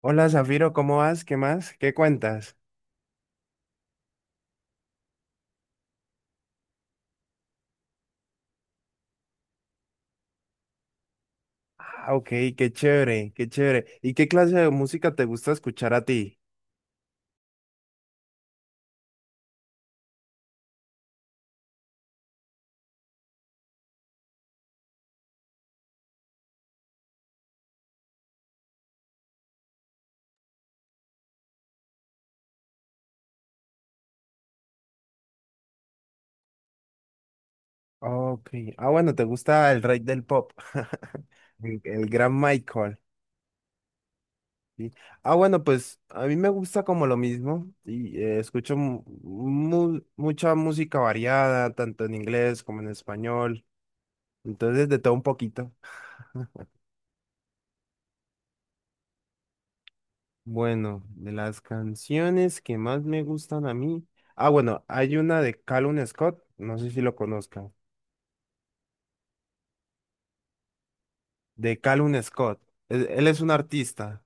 Hola Zafiro, ¿cómo vas? ¿Qué más? ¿Qué cuentas? Ah, ok, qué chévere, qué chévere. ¿Y qué clase de música te gusta escuchar a ti? Ok, ah, bueno, te gusta el rey del pop, el gran Michael. Sí. Ah, bueno, pues a mí me gusta como lo mismo y escucho mucha música variada, tanto en inglés como en español, entonces de todo un poquito. Bueno, de las canciones que más me gustan a mí. Ah, bueno, hay una de Callum Scott, no sé si lo conozca. De Callum Scott. Él es un artista.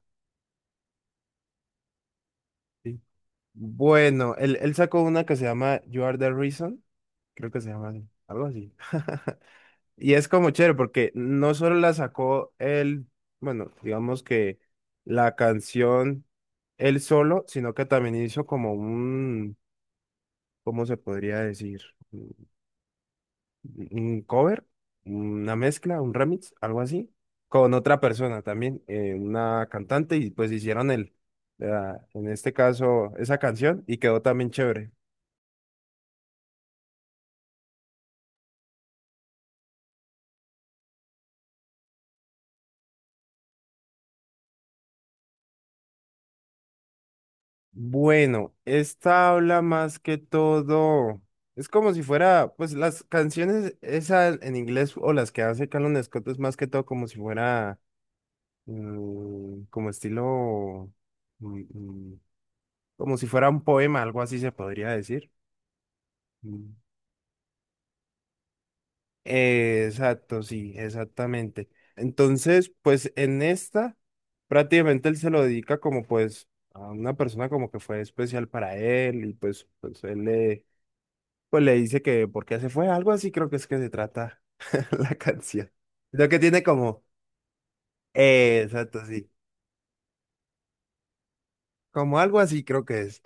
¿Sí? Bueno, él sacó una que se llama You Are the Reason. Creo que se llama así, algo así. Y es como chévere porque no solo la sacó él, bueno, digamos que la canción él solo, sino que también hizo como un, ¿cómo se podría decir? Un cover, una mezcla, un remix, algo así, con otra persona también, una cantante, y pues hicieron en este caso, esa canción y quedó también chévere. Bueno, esta habla más que todo, es como si fuera, pues las canciones esas en inglés o las que hace Calum Scott es más que todo como si fuera, como estilo, mm, mm, como si fuera un poema, algo así se podría decir. Mm. Exacto, sí, exactamente. Entonces, pues en esta, prácticamente él se lo dedica como pues a una persona como que fue especial para él y pues él le, pues le dice que por qué se fue, algo así creo que es que se trata la canción. Lo que tiene como, exacto, sí, como algo así creo que es.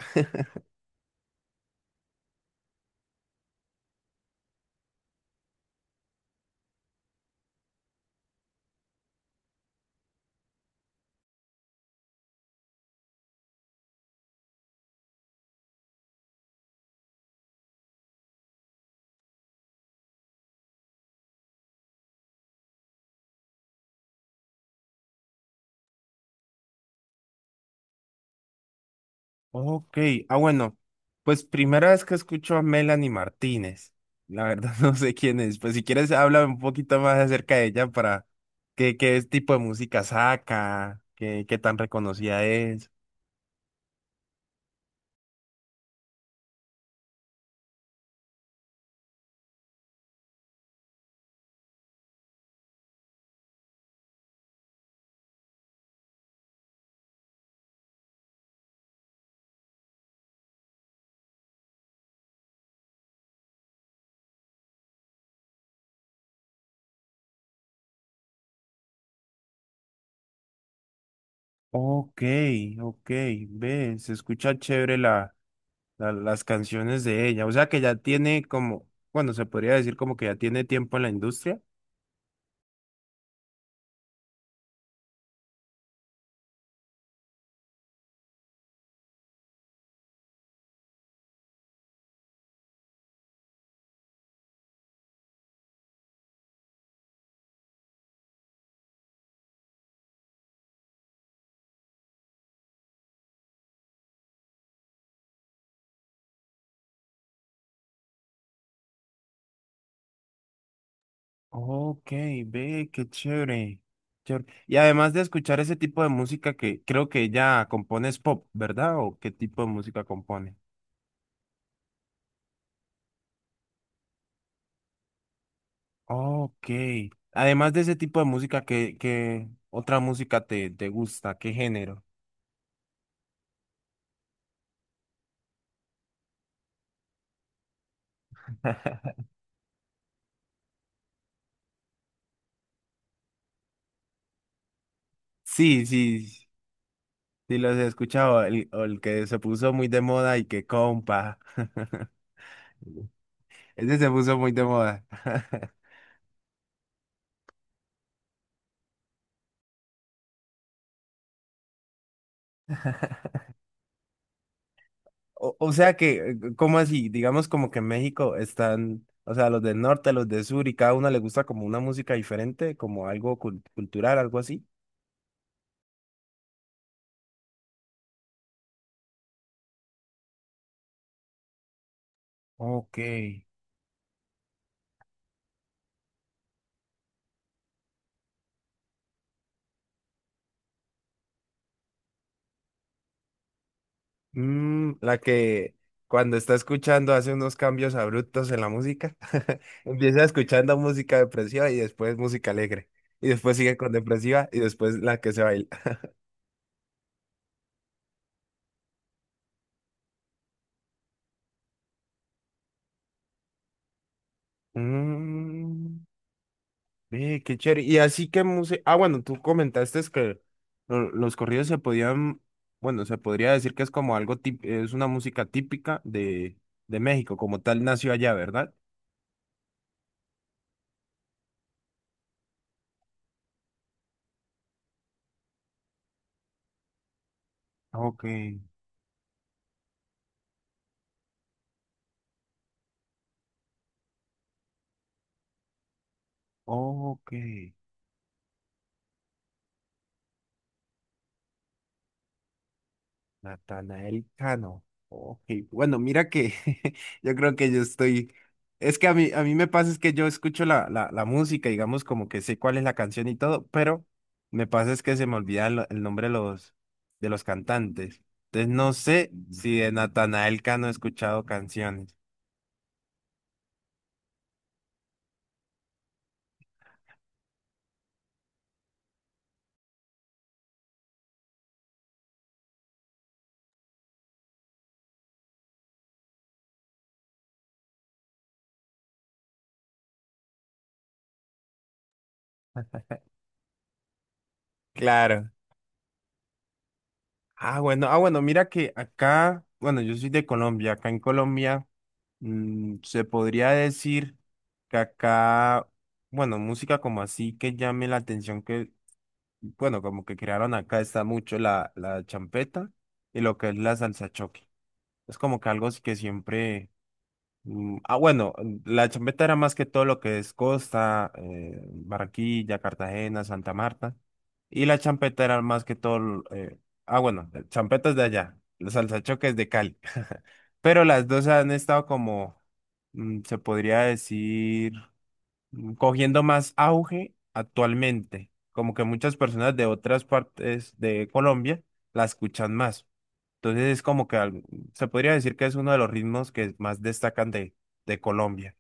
Ok, ah bueno, pues primera vez que escucho a Melanie Martínez. La verdad no sé quién es. Pues si quieres háblame un poquito más acerca de ella para qué, qué, tipo de música saca, qué tan reconocida es. Ok, ok, ve, se escucha chévere las canciones de ella. O sea que ya tiene como, bueno, se podría decir como que ya tiene tiempo en la industria. Ok, ve, qué chévere. Chévere. Y además de escuchar ese tipo de música que creo que ella compone es pop, ¿verdad? ¿O qué tipo de música compone? Ok. Además de ese tipo de música, ¿qué otra música te gusta? ¿Qué género? Sí, sí, sí los he escuchado. El, o el que se puso muy de moda y que compa. Ese se puso muy de moda. O sea que, ¿cómo así? Digamos como que en México están, o sea, los del norte, los del sur, y cada uno le gusta como una música diferente, como algo cultural, algo así. Ok. La que cuando está escuchando hace unos cambios abruptos en la música, empieza escuchando música depresiva y después música alegre, y después sigue con depresiva y después la que se baila. Mm. Ve, qué chévere. Y así que música. Ah, bueno, tú comentaste es que los corridos se podían. Bueno, se podría decir que es como algo es una música típica de México, como tal nació allá, ¿verdad? Ok, ok. Natanael Cano. Ok, bueno, mira que yo creo que yo estoy. Es que a mí me pasa es que yo escucho la música, digamos, como que sé cuál es la canción y todo, pero me pasa es que se me olvida el nombre de los cantantes. Entonces no sé si de Natanael Cano he escuchado canciones. Claro. Bueno, ah, bueno, mira que acá, bueno, yo soy de Colombia, acá en Colombia se podría decir que acá, bueno, música como así que llame la atención que, bueno, como que crearon acá está mucho la champeta y lo que es la salsa choque. Es como que algo que siempre. Ah, bueno, la champeta era más que todo lo que es Costa, Barranquilla, Cartagena, Santa Marta. Y la champeta era más que todo. Bueno, champetas de allá. Los salsachoques de Cali. Pero las dos han estado como, se podría decir cogiendo más auge actualmente. Como que muchas personas de otras partes de Colombia la escuchan más. Entonces es como que se podría decir que es uno de los ritmos que más destacan de Colombia.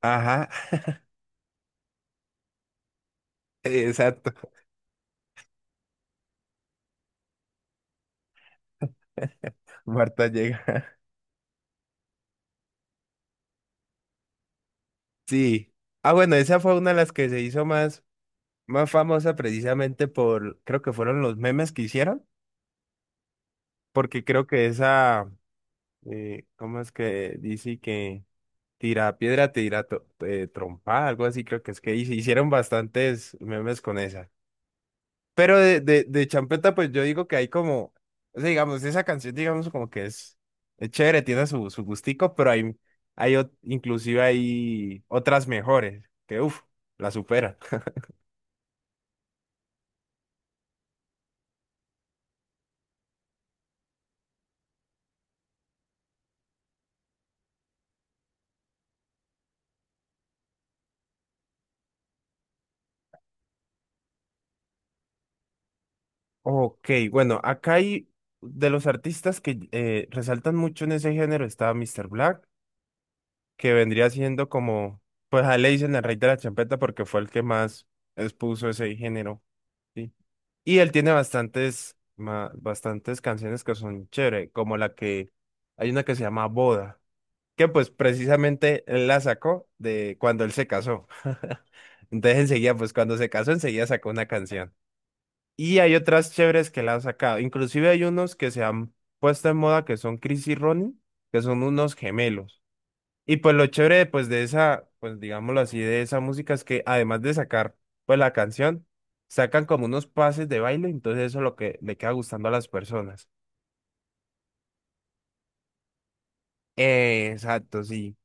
Ajá, exacto. Marta llega. Sí. Ah, bueno, esa fue una de las que se hizo más, más famosa precisamente por, creo que fueron los memes que hicieron, porque creo que esa, ¿cómo es que dice que? Tira piedra, tira trompa, algo así creo que es que hicieron bastantes memes con esa. Pero de Champeta, pues yo digo que hay como, o sea, digamos, esa canción, digamos, como que es, chévere, tiene su gustico, pero hay inclusive hay otras mejores, que uff, la superan. Ok, bueno, acá hay de los artistas que resaltan mucho en ese género está Mr. Black, que vendría siendo como, pues a él le dicen el rey de la champeta porque fue el que más expuso ese género, ¿sí? Y él tiene bastantes canciones que son chévere, como la que, hay una que se llama Boda, que pues precisamente él la sacó de cuando él se casó. Entonces enseguida, pues cuando se casó, enseguida sacó una canción. Y hay otras chéveres que la han sacado. Inclusive hay unos que se han puesto en moda que son Chris y Ronnie, que son unos gemelos. Y pues lo chévere, pues de esa, pues digámoslo así, de esa música es que además de sacar, pues la canción, sacan como unos pases de baile, entonces eso es lo que le queda gustando a las personas. Exacto, sí,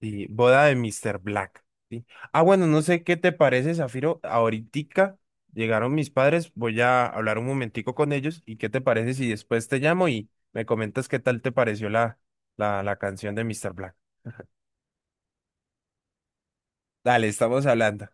sí, boda de Mr. Black, ¿sí? Ah, bueno, no sé qué te parece, Zafiro, ahoritica llegaron mis padres, voy a hablar un momentico con ellos y qué te parece si después te llamo y me comentas qué tal te pareció la canción de Mr. Black. Dale, estamos hablando.